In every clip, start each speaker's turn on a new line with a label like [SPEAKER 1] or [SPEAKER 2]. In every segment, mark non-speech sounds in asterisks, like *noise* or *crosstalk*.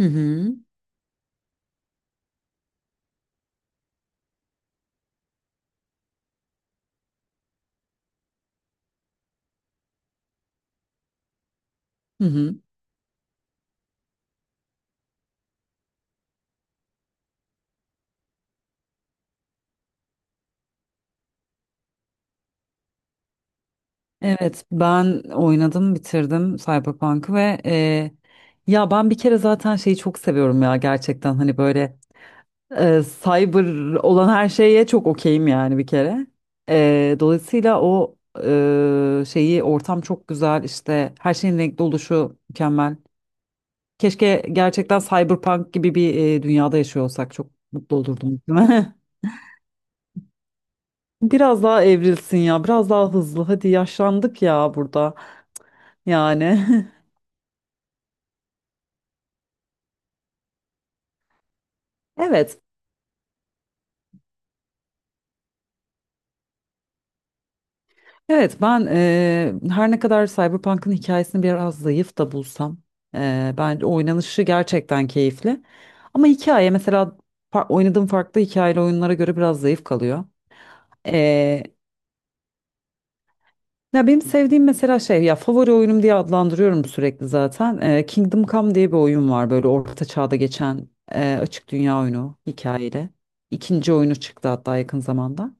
[SPEAKER 1] Hı hı. Hı hı. Evet, ben oynadım, bitirdim Cyberpunk'ı ve ya ben bir kere zaten şeyi çok seviyorum ya gerçekten hani böyle cyber olan her şeye çok okeyim yani bir kere. Dolayısıyla o şeyi ortam çok güzel işte her şeyin renkli oluşu mükemmel. Keşke gerçekten Cyberpunk gibi bir dünyada yaşıyor olsak çok mutlu olurdum, değil mi? *laughs* Biraz daha evrilsin ya, biraz daha hızlı. Hadi yaşlandık ya burada. Yani *laughs* evet. Evet ben her ne kadar Cyberpunk'ın hikayesini biraz zayıf da bulsam bence oynanışı gerçekten keyifli. Ama hikaye mesela oynadığım farklı hikayeli oyunlara göre biraz zayıf kalıyor. Eee, ya benim sevdiğim mesela şey ya favori oyunum diye adlandırıyorum sürekli zaten. Kingdom Come diye bir oyun var böyle orta çağda geçen açık dünya oyunu hikayeli. İkinci oyunu çıktı hatta yakın zamanda.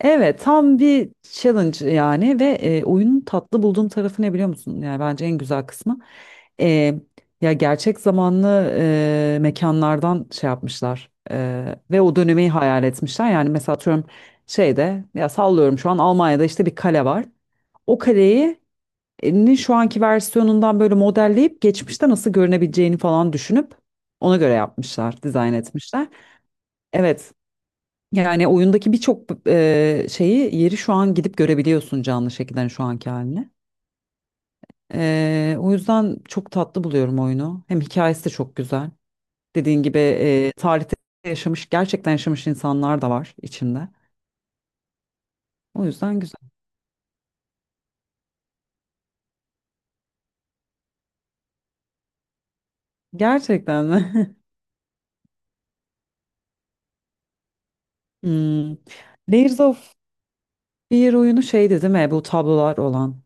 [SPEAKER 1] Evet, tam bir challenge yani ve oyunun tatlı bulduğum tarafı ne biliyor musun? Yani bence en güzel kısmı. E, ya gerçek zamanlı mekanlardan şey yapmışlar ve o dönemi hayal etmişler. Yani mesela atıyorum şeyde ya sallıyorum şu an Almanya'da işte bir kale var. O kaleyi şu anki versiyonundan böyle modelleyip geçmişte nasıl görünebileceğini falan düşünüp ona göre yapmışlar, dizayn etmişler. Evet. Yani oyundaki birçok şeyi yeri şu an gidip görebiliyorsun canlı şekilde hani şu anki haline. O yüzden çok tatlı buluyorum oyunu. Hem hikayesi de çok güzel. Dediğin gibi tarihte yaşamış, gerçekten yaşamış insanlar da var içinde. O yüzden güzel. Gerçekten mi? *laughs* Hmm. Layers of Fear oyunu şeydi değil mi? Bu tablolar olan.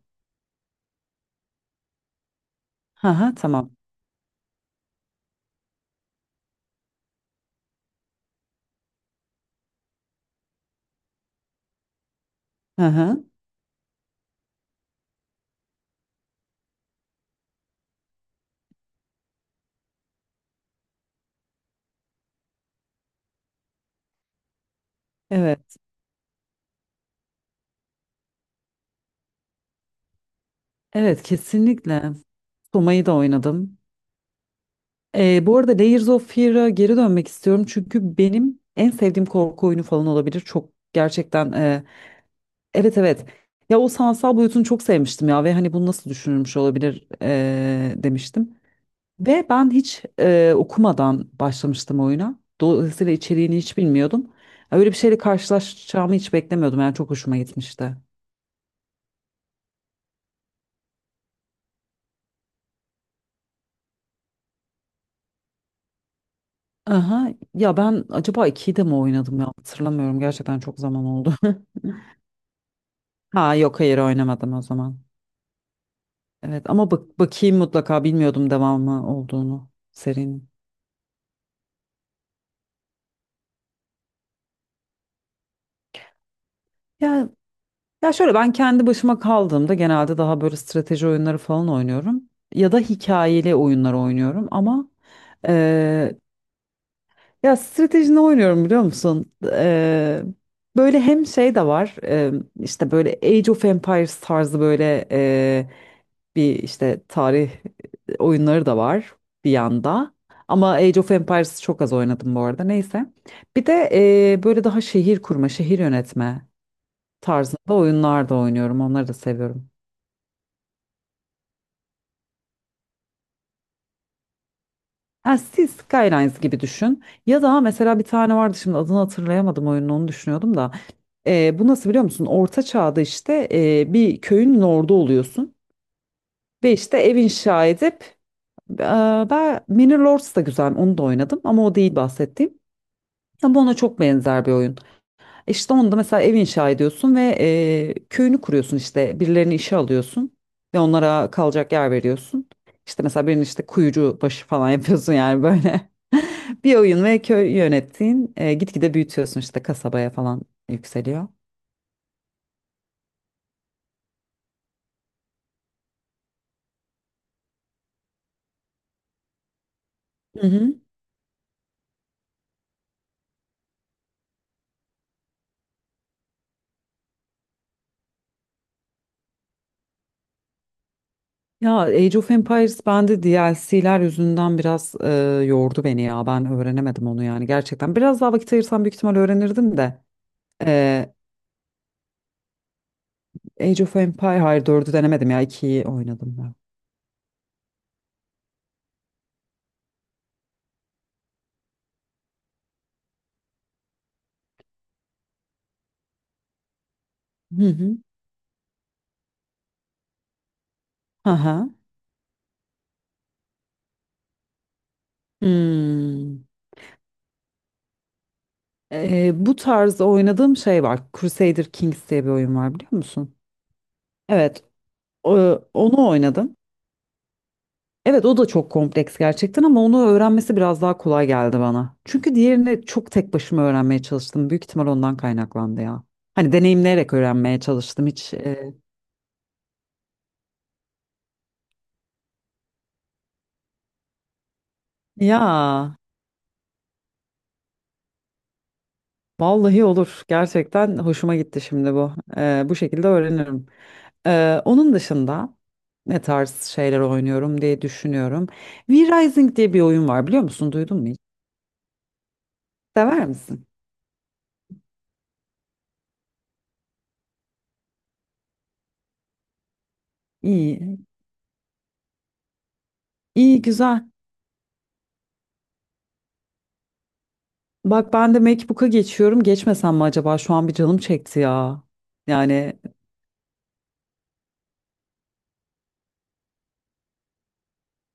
[SPEAKER 1] Hı hı, tamam. Hı hı. Evet. Evet, kesinlikle. Soma'yı da oynadım. Bu arada Layers of Fear'a geri dönmek istiyorum çünkü benim en sevdiğim korku oyunu falan olabilir. Çok gerçekten Evet evet. Ya o sanatsal boyutunu çok sevmiştim ya ve hani bu nasıl düşünülmüş olabilir demiştim. Ve ben hiç okumadan başlamıştım oyuna. Dolayısıyla içeriğini hiç bilmiyordum. Öyle bir şeyle karşılaşacağımı hiç beklemiyordum. Yani çok hoşuma gitmişti. Aha, ya ben acaba 2'yi de mi oynadım ya hatırlamıyorum. Gerçekten çok zaman oldu. *laughs* Ha yok, hayır, oynamadım o zaman. Evet ama bak bakayım mutlaka, bilmiyordum devamı olduğunu serinin. Ya ya şöyle, ben kendi başıma kaldığımda genelde daha böyle strateji oyunları falan oynuyorum ya da hikayeli oyunlar oynuyorum ama eee, ya stratejini oynuyorum biliyor musun? Böyle hem şey de var işte böyle Age of Empires tarzı böyle bir işte tarih oyunları da var bir yanda. Ama Age of Empires çok az oynadım bu arada, neyse. Bir de böyle daha şehir kurma, şehir yönetme tarzında oyunlar da oynuyorum. Onları da seviyorum. Ha, siz Skylines gibi düşün. Ya da mesela bir tane vardı şimdi adını hatırlayamadım oyunun, onu düşünüyordum da. Bu nasıl biliyor musun? Orta çağda işte bir köyün lordu oluyorsun. Ve işte ev inşa edip e, ben Mini Lords da güzel, onu da oynadım ama o değil bahsettiğim. Ama ona çok benzer bir oyun. İşte onda mesela ev inşa ediyorsun ve köyünü kuruyorsun, işte birilerini işe alıyorsun ve onlara kalacak yer veriyorsun. İşte mesela birinin işte kuyucu başı falan *laughs* yapıyorsun yani böyle *laughs* bir oyun, ve köy yönettiğin gitgide büyütüyorsun işte, kasabaya falan yükseliyor. Hı hı. Ya Age of Empires bende DLC'ler yüzünden biraz yordu beni ya, ben öğrenemedim onu yani, gerçekten biraz daha vakit ayırsam büyük ihtimal öğrenirdim de e, Age of Empire, hayır, 4'ü denemedim ya, 2'yi oynadım ben. Hı hı. Aha. Hmm. Bu tarzda oynadığım şey var. Crusader Kings diye bir oyun var biliyor musun? Evet, onu oynadım. Evet, o da çok kompleks gerçekten ama onu öğrenmesi biraz daha kolay geldi bana. Çünkü diğerini çok tek başıma öğrenmeye çalıştım. Büyük ihtimal ondan kaynaklandı ya. Hani deneyimleyerek öğrenmeye çalıştım hiç. Ya vallahi olur. Gerçekten hoşuma gitti şimdi bu. Bu şekilde öğrenirim. Onun dışında ne tarz şeyler oynuyorum diye düşünüyorum. V-Rising diye bir oyun var biliyor musun? Duydun mu hiç? Sever misin? İyi. İyi, güzel. Bak ben de MacBook'a geçiyorum. Geçmesem mi acaba? Şu an bir canım çekti ya. Yani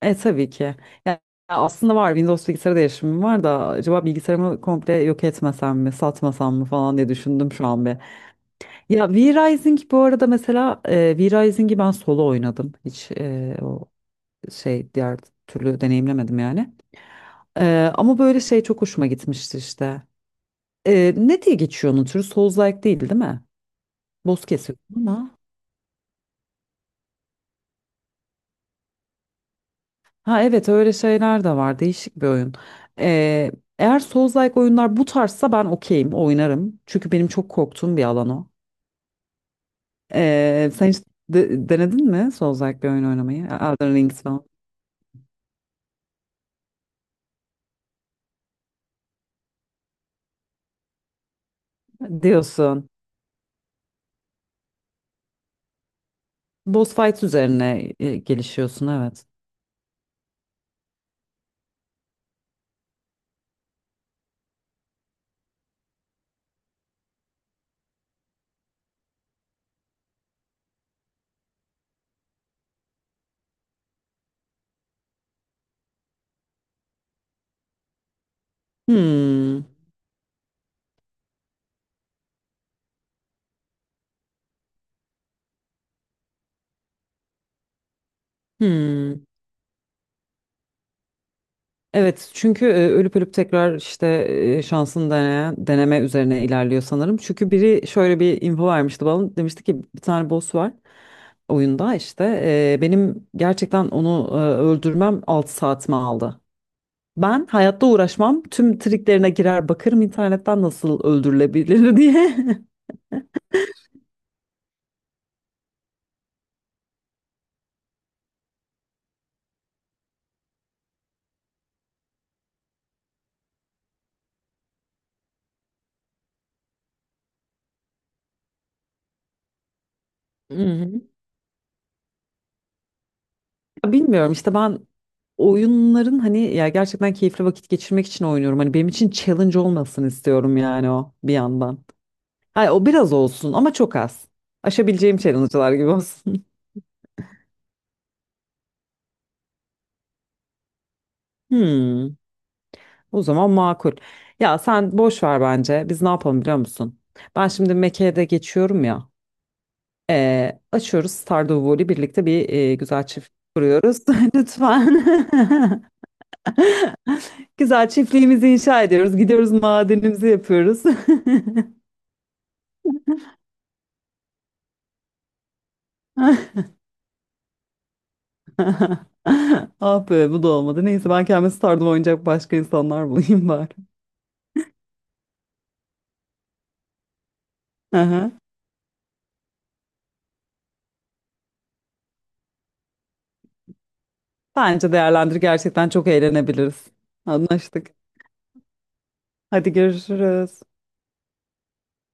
[SPEAKER 1] tabii ki. Ya, aslında var, Windows bilgisayar değişimim var da acaba bilgisayarımı komple yok etmesem mi, satmasam mı falan diye düşündüm şu an bir. Ya V-Rising bu arada mesela V-Rising'i ben solo oynadım. Hiç o şey, diğer türlü deneyimlemedim yani. Ama böyle şey çok hoşuma gitmişti işte. Ne diye geçiyor onun türü? Souls-like değil, değil mi? Boss kesiyorsun ama. Ha, evet, öyle şeyler de var. Değişik bir oyun. E, Eğer Souls-like oyunlar bu tarzsa ben okeyim, oynarım. Çünkü benim çok korktuğum bir alan o. Sen hiç denedin mi Souls-like bir oyun oynamayı? Elden Ring falan. Diyorsun. Boss fight üzerine gelişiyorsun, evet. Hmm. Hmm. Evet, çünkü ölüp ölüp tekrar işte şansını deneyen, deneme üzerine ilerliyor sanırım. Çünkü biri şöyle bir info vermişti bana. Demişti ki bir tane boss var oyunda işte. Benim gerçekten onu öldürmem 6 saatimi aldı. Ben hayatta uğraşmam. Tüm triklerine girer bakarım internetten nasıl öldürülebilir *laughs* diye. Hı hı. Ya bilmiyorum işte, ben oyunların hani, ya gerçekten keyifli vakit geçirmek için oynuyorum. Hani benim için challenge olmasın istiyorum yani, o bir yandan. Hayır, o biraz olsun ama çok az. Aşabileceğim challenge'lar gibi olsun. *laughs* Hmm. O zaman makul. Ya sen boş ver bence. Biz ne yapalım biliyor musun? Ben şimdi Mekke'ye de geçiyorum ya. Açıyoruz Stardew Valley birlikte bir güzel çift kuruyoruz. *laughs* Lütfen. *laughs* Güzel çiftliğimizi inşa ediyoruz. Gidiyoruz madenimizi yapıyoruz. *laughs* Ah be, bu da olmadı. Neyse, ben kendime Stardew oynayacak başka insanlar bulayım bari. Aha. Bence değerlendir, gerçekten çok eğlenebiliriz. Anlaştık. Hadi görüşürüz.